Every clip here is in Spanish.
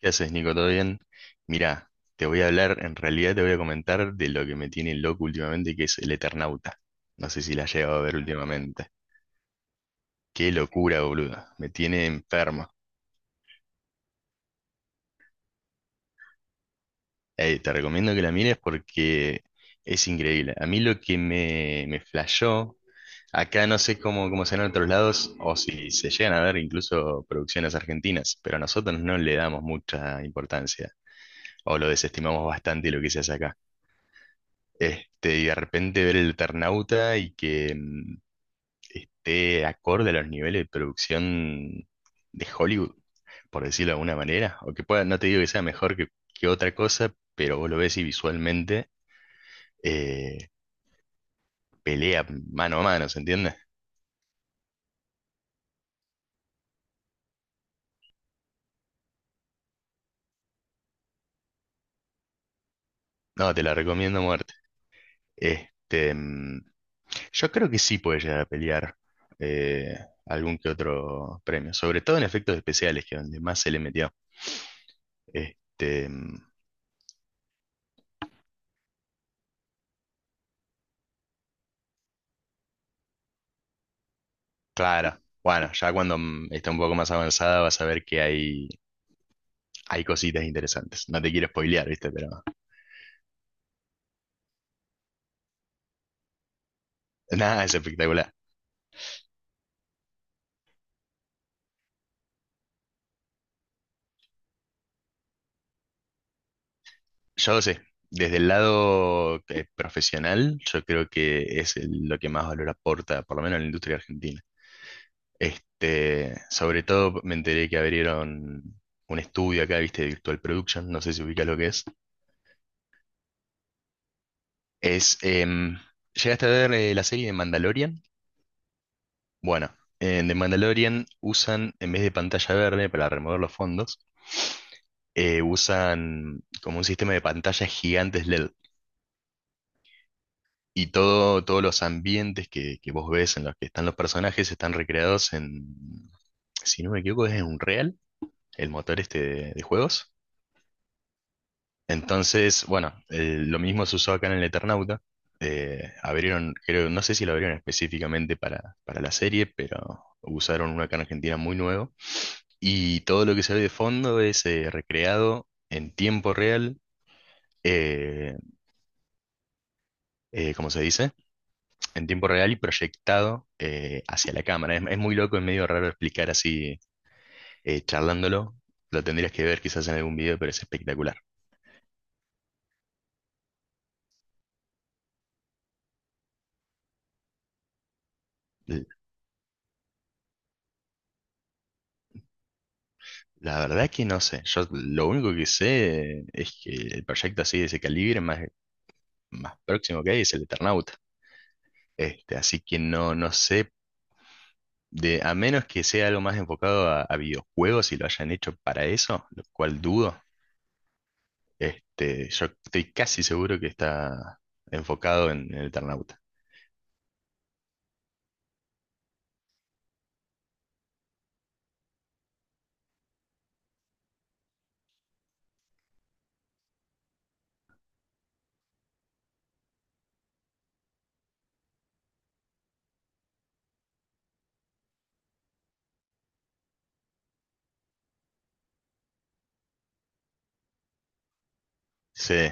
¿Qué haces, Nico? ¿Todo bien? Mirá, te voy a hablar, en realidad te voy a comentar de lo que me tiene loco últimamente, que es el Eternauta. No sé si la has llegado a ver últimamente. Qué locura, boludo. Me tiene enfermo. Te recomiendo que la mires porque es increíble. A mí lo que me flashó, acá no sé cómo será en otros lados, o si se llegan a ver incluso producciones argentinas, pero a nosotros no le damos mucha importancia, o lo desestimamos bastante lo que se hace acá. Este, y de repente ver el Eternauta y que esté acorde a los niveles de producción de Hollywood, por decirlo de alguna manera, o que pueda, no te digo que sea mejor que otra cosa, pero vos lo ves y visualmente eh, pelea mano a mano, ¿se entiende? No, te la recomiendo a muerte. Este, yo creo que sí puede llegar a pelear eh, algún que otro premio, sobre todo en efectos especiales, que es donde más se le metió. Este, claro. Bueno, ya cuando esté un poco más avanzada vas a ver que hay cositas interesantes. No te quiero spoilear, ¿viste? Pero nada, es espectacular. Yo no sé, desde el lado profesional, yo creo que lo que más valor aporta, por lo menos en la industria argentina. Este, sobre todo me enteré que abrieron un estudio acá, ¿viste? De Virtual Production, no sé si ubicas lo que es. Es, em, ¿Llegaste a ver la serie de Mandalorian? Bueno, en The Mandalorian usan, en vez de pantalla verde para remover los fondos, usan como un sistema de pantallas gigantes LED. Y todos los ambientes que vos ves en los que están los personajes están recreados en, si no me equivoco, es en Unreal, el motor este de juegos. Entonces, bueno, lo mismo se usó acá en el Eternauta. Abrieron, creo, no sé si lo abrieron específicamente para, la serie, pero usaron uno acá en Argentina muy nuevo. Y todo lo que se ve de fondo es recreado en tiempo real, eh, ¿cómo se dice? En tiempo real y proyectado hacia la cámara. Es muy loco, es medio raro explicar así, charlándolo. Lo tendrías que ver quizás en algún video, pero es espectacular. L- La verdad que no sé. Yo lo único que sé es que el proyecto así de ese calibre más, próximo que hay es el Eternauta. Este, así que no, no sé. A menos que sea algo más enfocado a, videojuegos y lo hayan hecho para eso, lo cual dudo, este, yo estoy casi seguro que está enfocado en el Eternauta. Sí.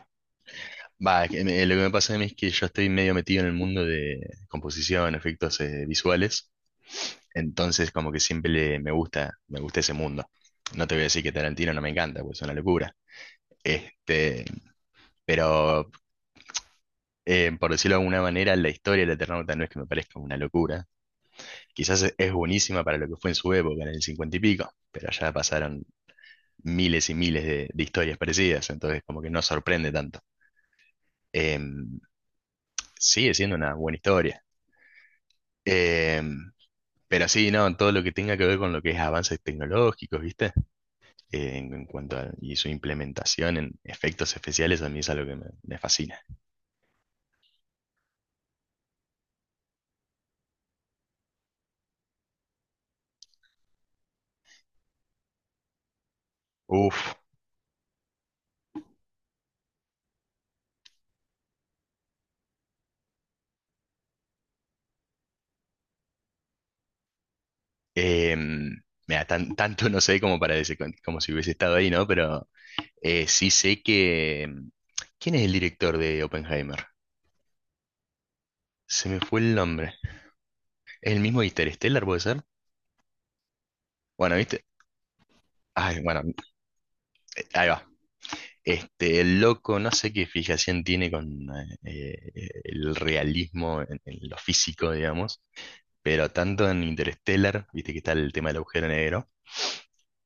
Va, lo que me pasa a mí es que yo estoy medio metido en el mundo de composición, efectos visuales, entonces como que siempre me gusta ese mundo. No te voy a decir que Tarantino no me encanta, pues es una locura. Este, pero por decirlo de alguna manera, la historia de Eternauta no es que me parezca una locura. Quizás es buenísima para lo que fue en su época, en el 50 y pico, pero ya pasaron miles y miles de historias parecidas, entonces como que no sorprende tanto. Em, Sigue siendo una buena historia. Em, pero sí, no, todo lo que tenga que ver con lo que es avances tecnológicos, ¿viste? En cuanto a y su implementación en efectos especiales, a mí es algo que me fascina. Uf, em, mira, tanto no sé como para decir, como si hubiese estado ahí, ¿no? Pero sí sé que... ¿Quién es el director de Oppenheimer? Se me fue el nombre. ¿Es el mismo de Interstellar, puede ser? Bueno, ¿viste? Ay, bueno, ahí va. Este, el loco, no sé qué fijación tiene con el realismo en, lo físico, digamos, pero tanto en Interstellar, viste que está el tema del agujero negro,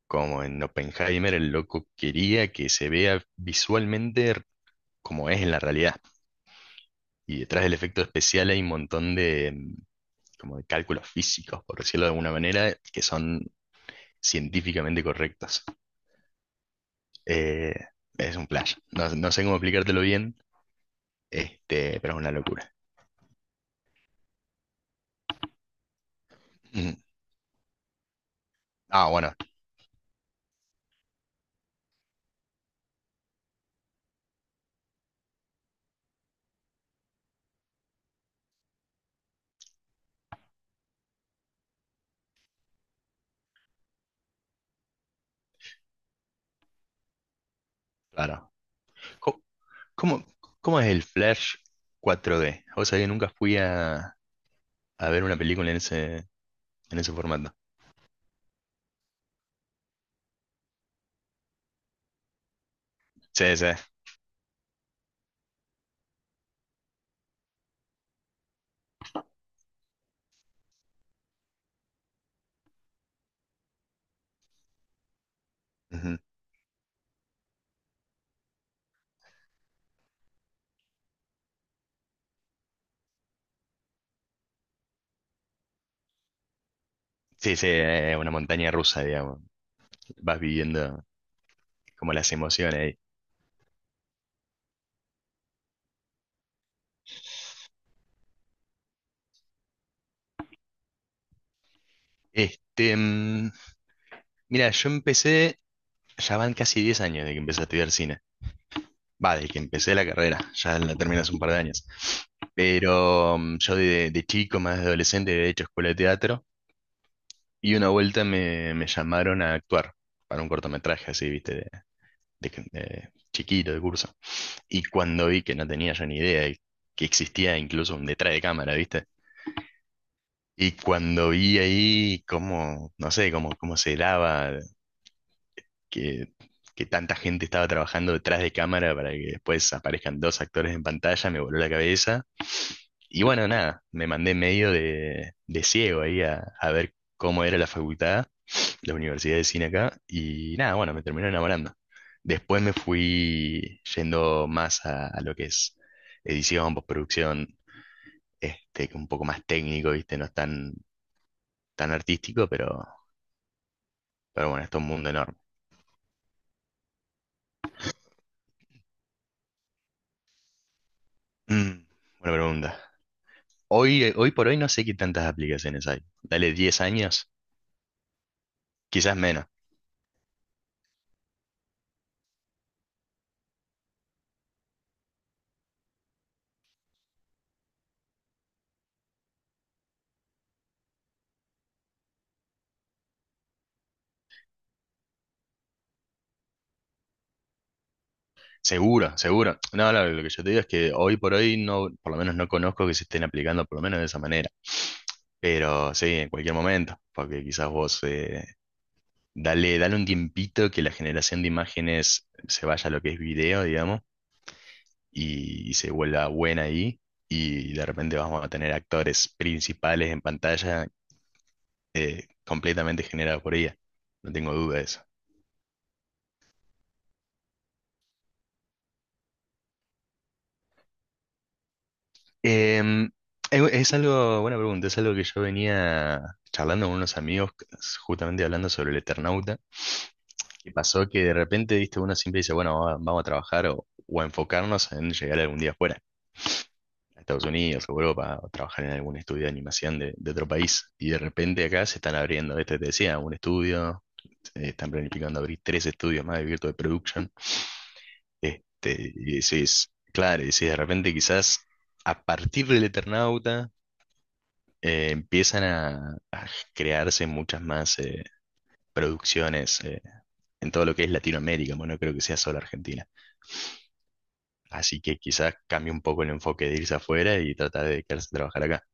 como en Oppenheimer, el loco quería que se vea visualmente como es en la realidad. Y detrás del efecto especial hay un montón como de cálculos físicos, por decirlo de alguna manera, que son científicamente correctos. Eh, es un flash. No, no sé cómo explicártelo bien, este, pero es una locura. Mm. Ah, bueno, claro. Co- ¿Cómo, cómo es el flash 4D? O sea, que nunca fui a, ver una película en ese formato. Sí, sí. Ujú. Sí, sí, una montaña rusa, digamos. Vas viviendo como las emociones ahí. Este, mira, yo empecé. Ya van casi 10 años de que empecé a estudiar cine. Va, desde que empecé la carrera, ya la terminé hace un par de años. Pero yo de chico, más de adolescente, había hecho escuela de teatro y una vuelta me llamaron a actuar para un cortometraje así, viste, de, de chiquito, de curso. Y cuando vi que no tenía yo ni idea de que existía incluso un detrás de cámara, viste. Y cuando vi ahí cómo, no sé, cómo se daba que, que tanta gente estaba trabajando detrás de cámara para que después aparezcan dos actores en pantalla, me voló la cabeza. Y bueno, nada, me mandé medio de, ciego ahí a ver cómo era la facultad, la Universidad de Cine acá, y nada, bueno, me terminé enamorando. Después me fui yendo más a, lo que es edición, postproducción, este, un poco más técnico, ¿viste? No es tan artístico, pero bueno, esto es todo un mundo enorme. Mm, buena pregunta. Hoy por hoy no sé qué tantas aplicaciones hay. Dale 10 años, quizás menos. Seguro, seguro. No, no, lo que yo te digo es que hoy por hoy no, por lo menos no conozco que se estén aplicando por lo menos de esa manera. Pero sí, en cualquier momento, porque quizás vos dale, dale un tiempito que la generación de imágenes se vaya a lo que es video, digamos, y se vuelva buena ahí. Y de repente vamos a tener actores principales en pantalla completamente generados por ella. No tengo dudas. Em, es algo, buena pregunta, es algo que yo venía charlando con unos amigos, justamente hablando sobre el Eternauta, y pasó que de repente, viste, uno siempre dice, bueno, vamos a trabajar o, a enfocarnos en llegar algún día afuera, a Estados Unidos o Europa, o trabajar en algún estudio de animación de otro país, y de repente acá se están abriendo, este te decía, un estudio, están planificando abrir tres estudios más de Virtual Production, este, y decís, claro, y decís, de repente quizás... A partir del Eternauta, empiezan a crearse muchas más producciones en todo lo que es Latinoamérica, bueno, no creo que sea solo Argentina. Así que quizás cambie un poco el enfoque de irse afuera y tratar de quedarse a trabajar acá.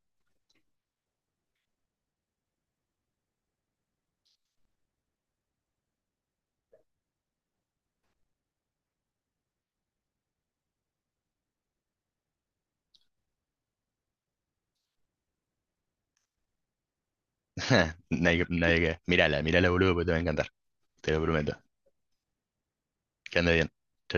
Nadie que... Mírala, mírala, boludo, porque te va a encantar, te lo prometo. Que ande bien. Chau,